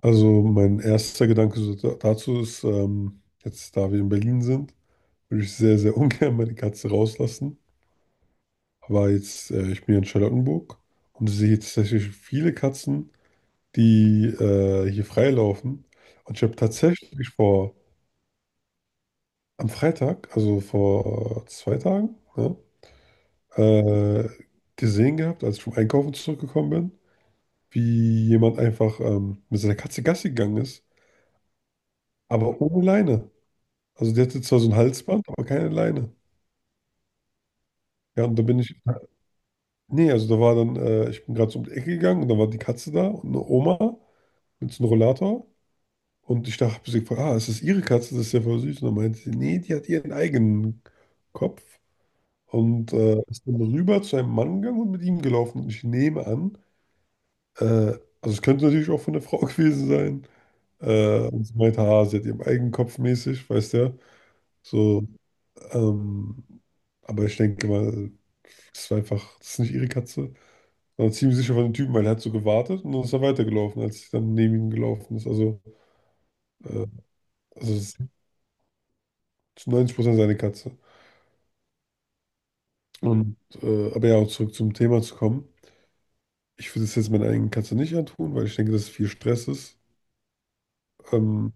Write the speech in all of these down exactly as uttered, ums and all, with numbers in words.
Also mein erster Gedanke so da- dazu ist, ähm, jetzt da wir in Berlin sind, würde ich sehr, sehr ungern meine Katze rauslassen. Aber jetzt, äh, ich bin hier in Charlottenburg und sehe jetzt tatsächlich viele Katzen, die äh, hier freilaufen. Und ich habe tatsächlich vor, am Freitag, also vor zwei Tagen, ne, äh, gesehen gehabt, als ich vom Einkaufen zurückgekommen bin, wie jemand einfach ähm, mit seiner Katze Gassi gegangen ist, aber ohne Leine. Also die hatte zwar so ein Halsband, aber keine Leine. Ja, und da bin ich nee, also da war dann äh, ich bin gerade so um die Ecke gegangen und da war die Katze da und eine Oma mit so einem Rollator und ich dachte habe sie gefragt: „Ah, ist das Ihre Katze? Das ist ja voll süß.“ Und dann meinte sie: „Ne, die hat ihren eigenen Kopf“, und, äh, ist dann rüber zu einem Mann gegangen und mit ihm gelaufen und ich nehme an, äh also es könnte natürlich auch von der Frau gewesen sein, äh, und sie meinte: „Ah, sie hat ihren eigenen Kopf mäßig“, weißt du ja, so. Ähm, aber ich denke mal, das war einfach, das ist nicht ihre Katze, sondern ziemlich sicher von dem Typen, weil er hat so gewartet und dann ist er weitergelaufen, als ich dann neben ihm gelaufen ist. Also, äh, also es ist zu neunzig Prozent seine Katze. Und, äh, aber ja, auch zurück zum Thema zu kommen. Ich würde es jetzt meiner eigenen Katze nicht antun, weil ich denke, dass es viel Stress ist. Ähm,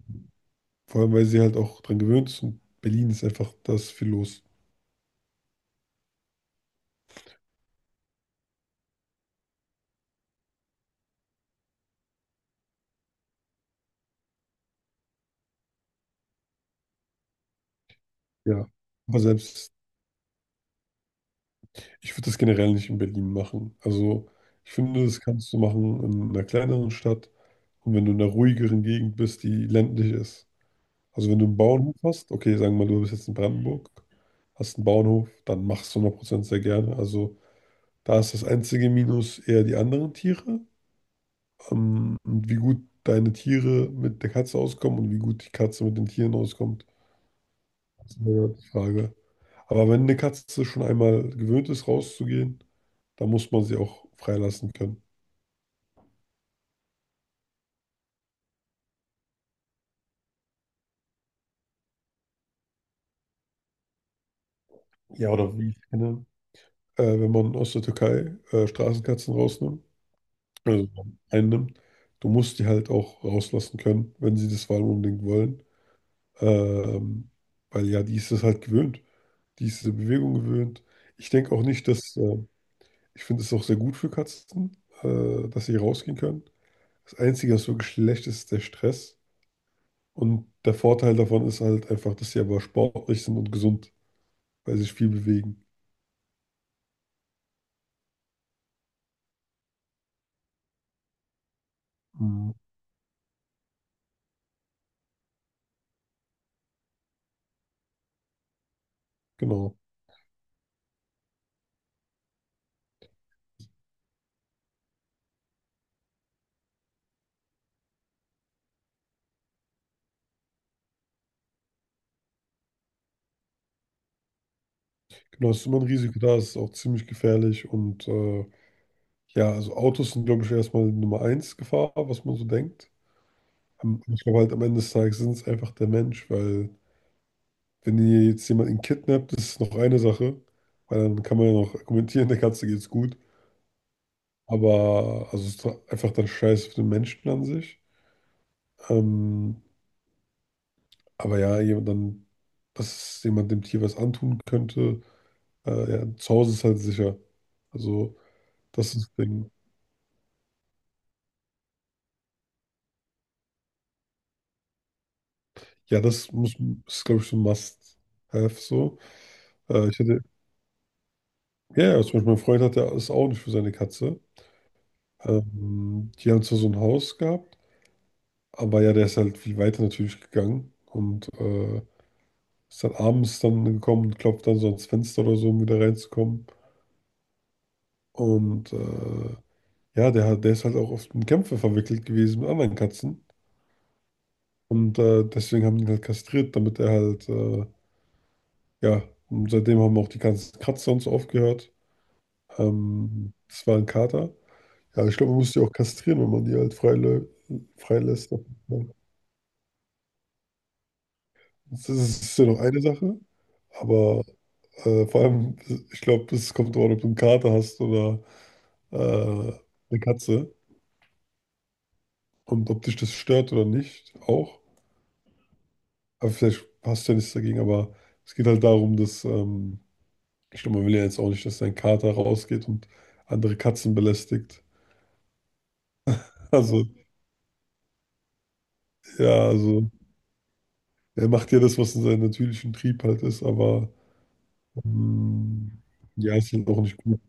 vor allem, weil sie halt auch dran gewöhnt ist und Berlin ist einfach, da ist viel los. Ja. Aber selbst ich würde das generell nicht in Berlin machen. Also ich finde, das kannst du machen in einer kleineren Stadt und wenn du in einer ruhigeren Gegend bist, die ländlich ist. Also wenn du einen Bauernhof hast, okay, sagen wir mal, du bist jetzt in Brandenburg, hast einen Bauernhof, dann machst du hundert Prozent sehr gerne. Also da ist das einzige Minus eher die anderen Tiere, ähm, und wie gut deine Tiere mit der Katze auskommen und wie gut die Katze mit den Tieren auskommt, das ist eine Frage. Aber wenn eine Katze schon einmal gewöhnt ist, rauszugehen, dann muss man sie auch freilassen können. Ja, oder wie ich kenne, äh, wenn man aus der Türkei äh, Straßenkatzen rausnimmt, also einnimmt, du musst die halt auch rauslassen können, wenn sie das vor allem unbedingt wollen. Ähm, weil ja, die ist das halt gewöhnt. Die ist diese Bewegung gewöhnt. Ich denke auch nicht, dass, äh, ich finde es auch sehr gut für Katzen, äh, dass sie rausgehen können. Das Einzige, was wirklich schlecht ist, ist der Stress. Und der Vorteil davon ist halt einfach, dass sie aber sportlich sind und gesund, weil sie sich viel bewegen. Mhm. Genau. Genau, es ist immer ein Risiko da, es ist auch ziemlich gefährlich und, äh, ja, also, Autos sind, glaube ich, erstmal Nummer eins Gefahr, was man so denkt. Ähm, ich glaube halt, am Ende des Tages sind es einfach der Mensch, weil wenn ihr jetzt jemanden kidnappt, das ist noch eine Sache, weil dann kann man ja noch argumentieren, der Katze geht's gut. Aber also, es ist doch einfach dann Scheiß auf den Menschen an sich. Ähm, aber ja, jemand dann dass jemand dem Tier was antun könnte, äh, ja, zu Hause ist halt sicher. Also, das ist das Ding. Ja, das muss, ist, glaube ich, so ein Must-Have so. Äh, ich hatte, ja, ja, zum Beispiel mein Freund hat ja ist auch nicht für seine Katze. Ähm, die haben zwar so ein Haus gehabt, aber ja, der ist halt viel weiter natürlich gegangen und äh, ist dann abends dann gekommen und klopft dann so ans Fenster oder so, um wieder reinzukommen. Und äh, ja, der, hat- der ist halt auch oft in Kämpfe verwickelt gewesen mit anderen Katzen. Und äh, deswegen haben die ihn halt kastriert, damit er halt, äh, ja, und seitdem haben auch die ganzen Kratzer und so aufgehört. Ähm, das war ein Kater. Ja, ich glaube, man muss die auch kastrieren, wenn man die halt freilä freilässt. Das ist ja noch eine Sache, aber äh, vor allem, ich glaube, es kommt darauf an, ob du einen Kater hast oder äh, eine Katze und ob dich das stört oder nicht auch. Aber vielleicht hast du ja nichts dagegen, aber es geht halt darum, dass, ähm, ich glaube, man will ja jetzt auch nicht, dass dein Kater rausgeht und andere Katzen belästigt. Also, ja, also er macht ja das, was in seinem natürlichen Trieb halt ist, aber hm. Ja, ist halt auch nicht gut.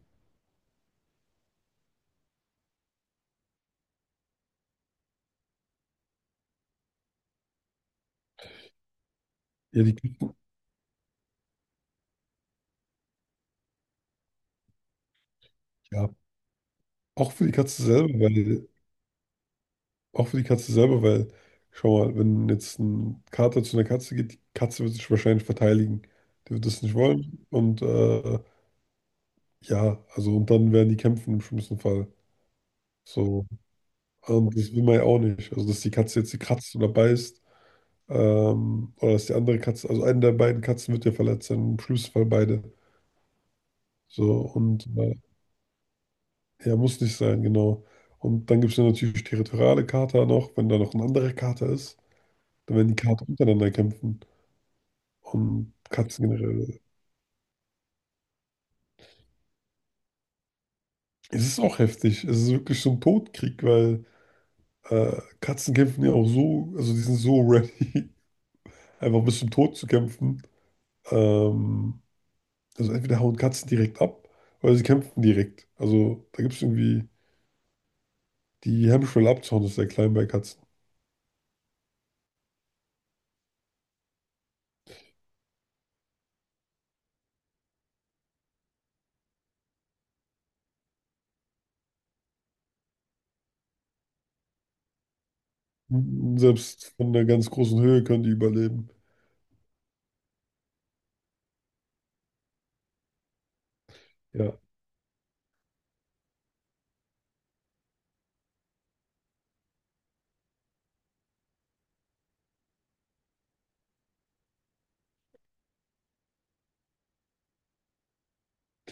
Ja, die Küche, ja. Auch für die Katze selber, weil, auch für die Katze selber, weil, schau mal, wenn jetzt ein Kater zu einer Katze geht, die Katze wird sich wahrscheinlich verteidigen. Die wird das nicht wollen. Und äh, ja, also und dann werden die kämpfen im schlimmsten Fall. So. Und das will man ja auch nicht. Also, dass die Katze jetzt sie kratzt oder beißt, ähm, oder dass die andere Katze, also eine der beiden Katzen wird ja verletzt sein, im schlimmsten Fall beide. So, und äh, ja, muss nicht sein, genau. Und dann gibt es ja natürlich territoriale Kater noch, wenn da noch ein anderer Kater ist, dann werden die Kater untereinander kämpfen. Und Katzen generell. Es ist auch heftig. Es ist wirklich so ein Todkrieg, weil äh, Katzen kämpfen ja auch so, also die sind so ready, einfach bis zum Tod zu kämpfen. Ähm, also entweder hauen Katzen direkt ab oder sie kämpfen direkt. Also da gibt es irgendwie, die Hemmschwelle abzuhauen, ist sehr klein bei Katzen. Selbst von einer ganz großen Höhe können die überleben. Ja.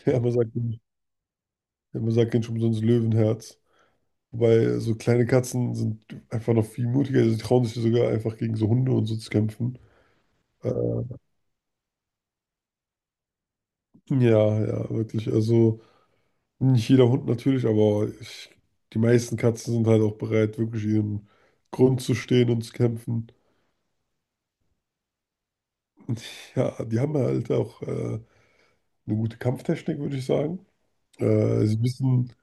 Ja, man sagt, ja, man sagt nicht umsonst Löwenherz. Wobei so kleine Katzen sind einfach noch viel mutiger. Sie trauen sich sogar einfach gegen so Hunde und so zu kämpfen. Äh, ja, ja, wirklich. Also nicht jeder Hund natürlich, aber ich, die meisten Katzen sind halt auch bereit, wirklich ihren Grund zu stehen und zu kämpfen. Ja, die haben halt auch äh, eine gute Kampftechnik, würde ich sagen. Äh, sie wissen,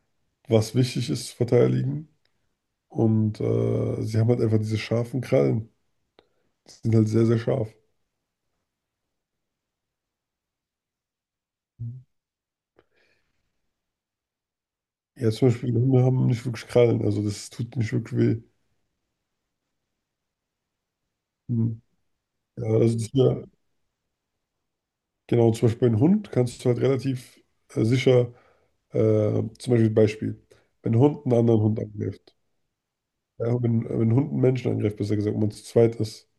was wichtig ist zu verteidigen. Und äh, sie haben halt einfach diese scharfen Krallen. Die sind halt sehr, sehr scharf. Ja, zum Beispiel Hunde haben nicht wirklich Krallen, also das tut nicht wirklich weh. Hm. Ja, also das ist ja, genau, zum Beispiel ein Hund kannst du halt relativ äh, sicher, äh, zum Beispiel Beispiel, wenn ein Hund einen anderen Hund angreift, ja, wenn, wenn ein Hund einen Menschen angreift, besser gesagt, wenn man zu zweit ist,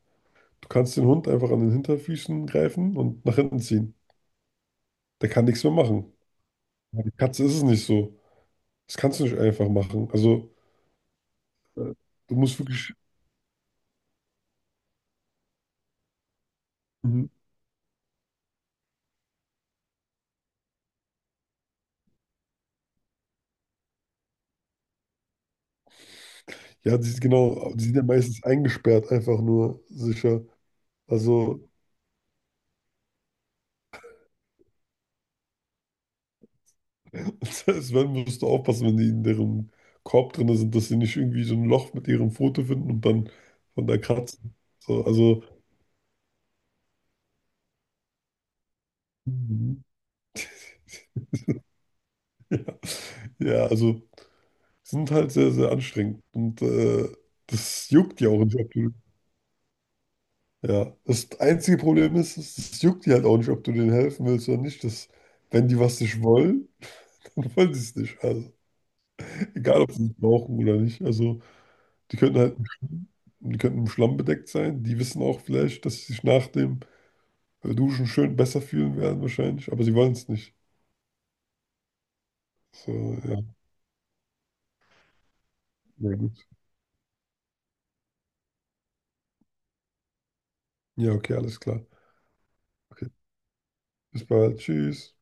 du kannst den Hund einfach an den Hinterfüßen greifen und nach hinten ziehen. Der kann nichts mehr machen. Bei der Katze ist es nicht so. Das kannst du nicht einfach machen. Also, äh, du musst wirklich. Mhm. Ja, die genau, die sind ja meistens eingesperrt, einfach nur sicher. Also, selbst wenn, musst du aufpassen, wenn die in deren Korb drin sind, dass sie nicht irgendwie so ein Loch mit ihrem Foto finden und dann von da kratzen. So, also, mhm. ja, ja, also, sind halt sehr, sehr anstrengend. Und äh, das juckt ja auch nicht, ob du ja, das einzige Problem ist, es es juckt die halt auch nicht, ob du denen helfen willst oder nicht. Das, wenn die was nicht wollen, dann wollen sie es nicht. Also, egal, ob sie es brauchen oder nicht. Also, die könnten halt, im Schlamm- die könnten im Schlamm bedeckt sein. Die wissen auch vielleicht, dass sie sich nach dem äh, Duschen schön besser fühlen werden, wahrscheinlich. Aber sie wollen es nicht. So, ja, na gut. Ja, okay, alles klar. Okay, bis bald. Tschüss.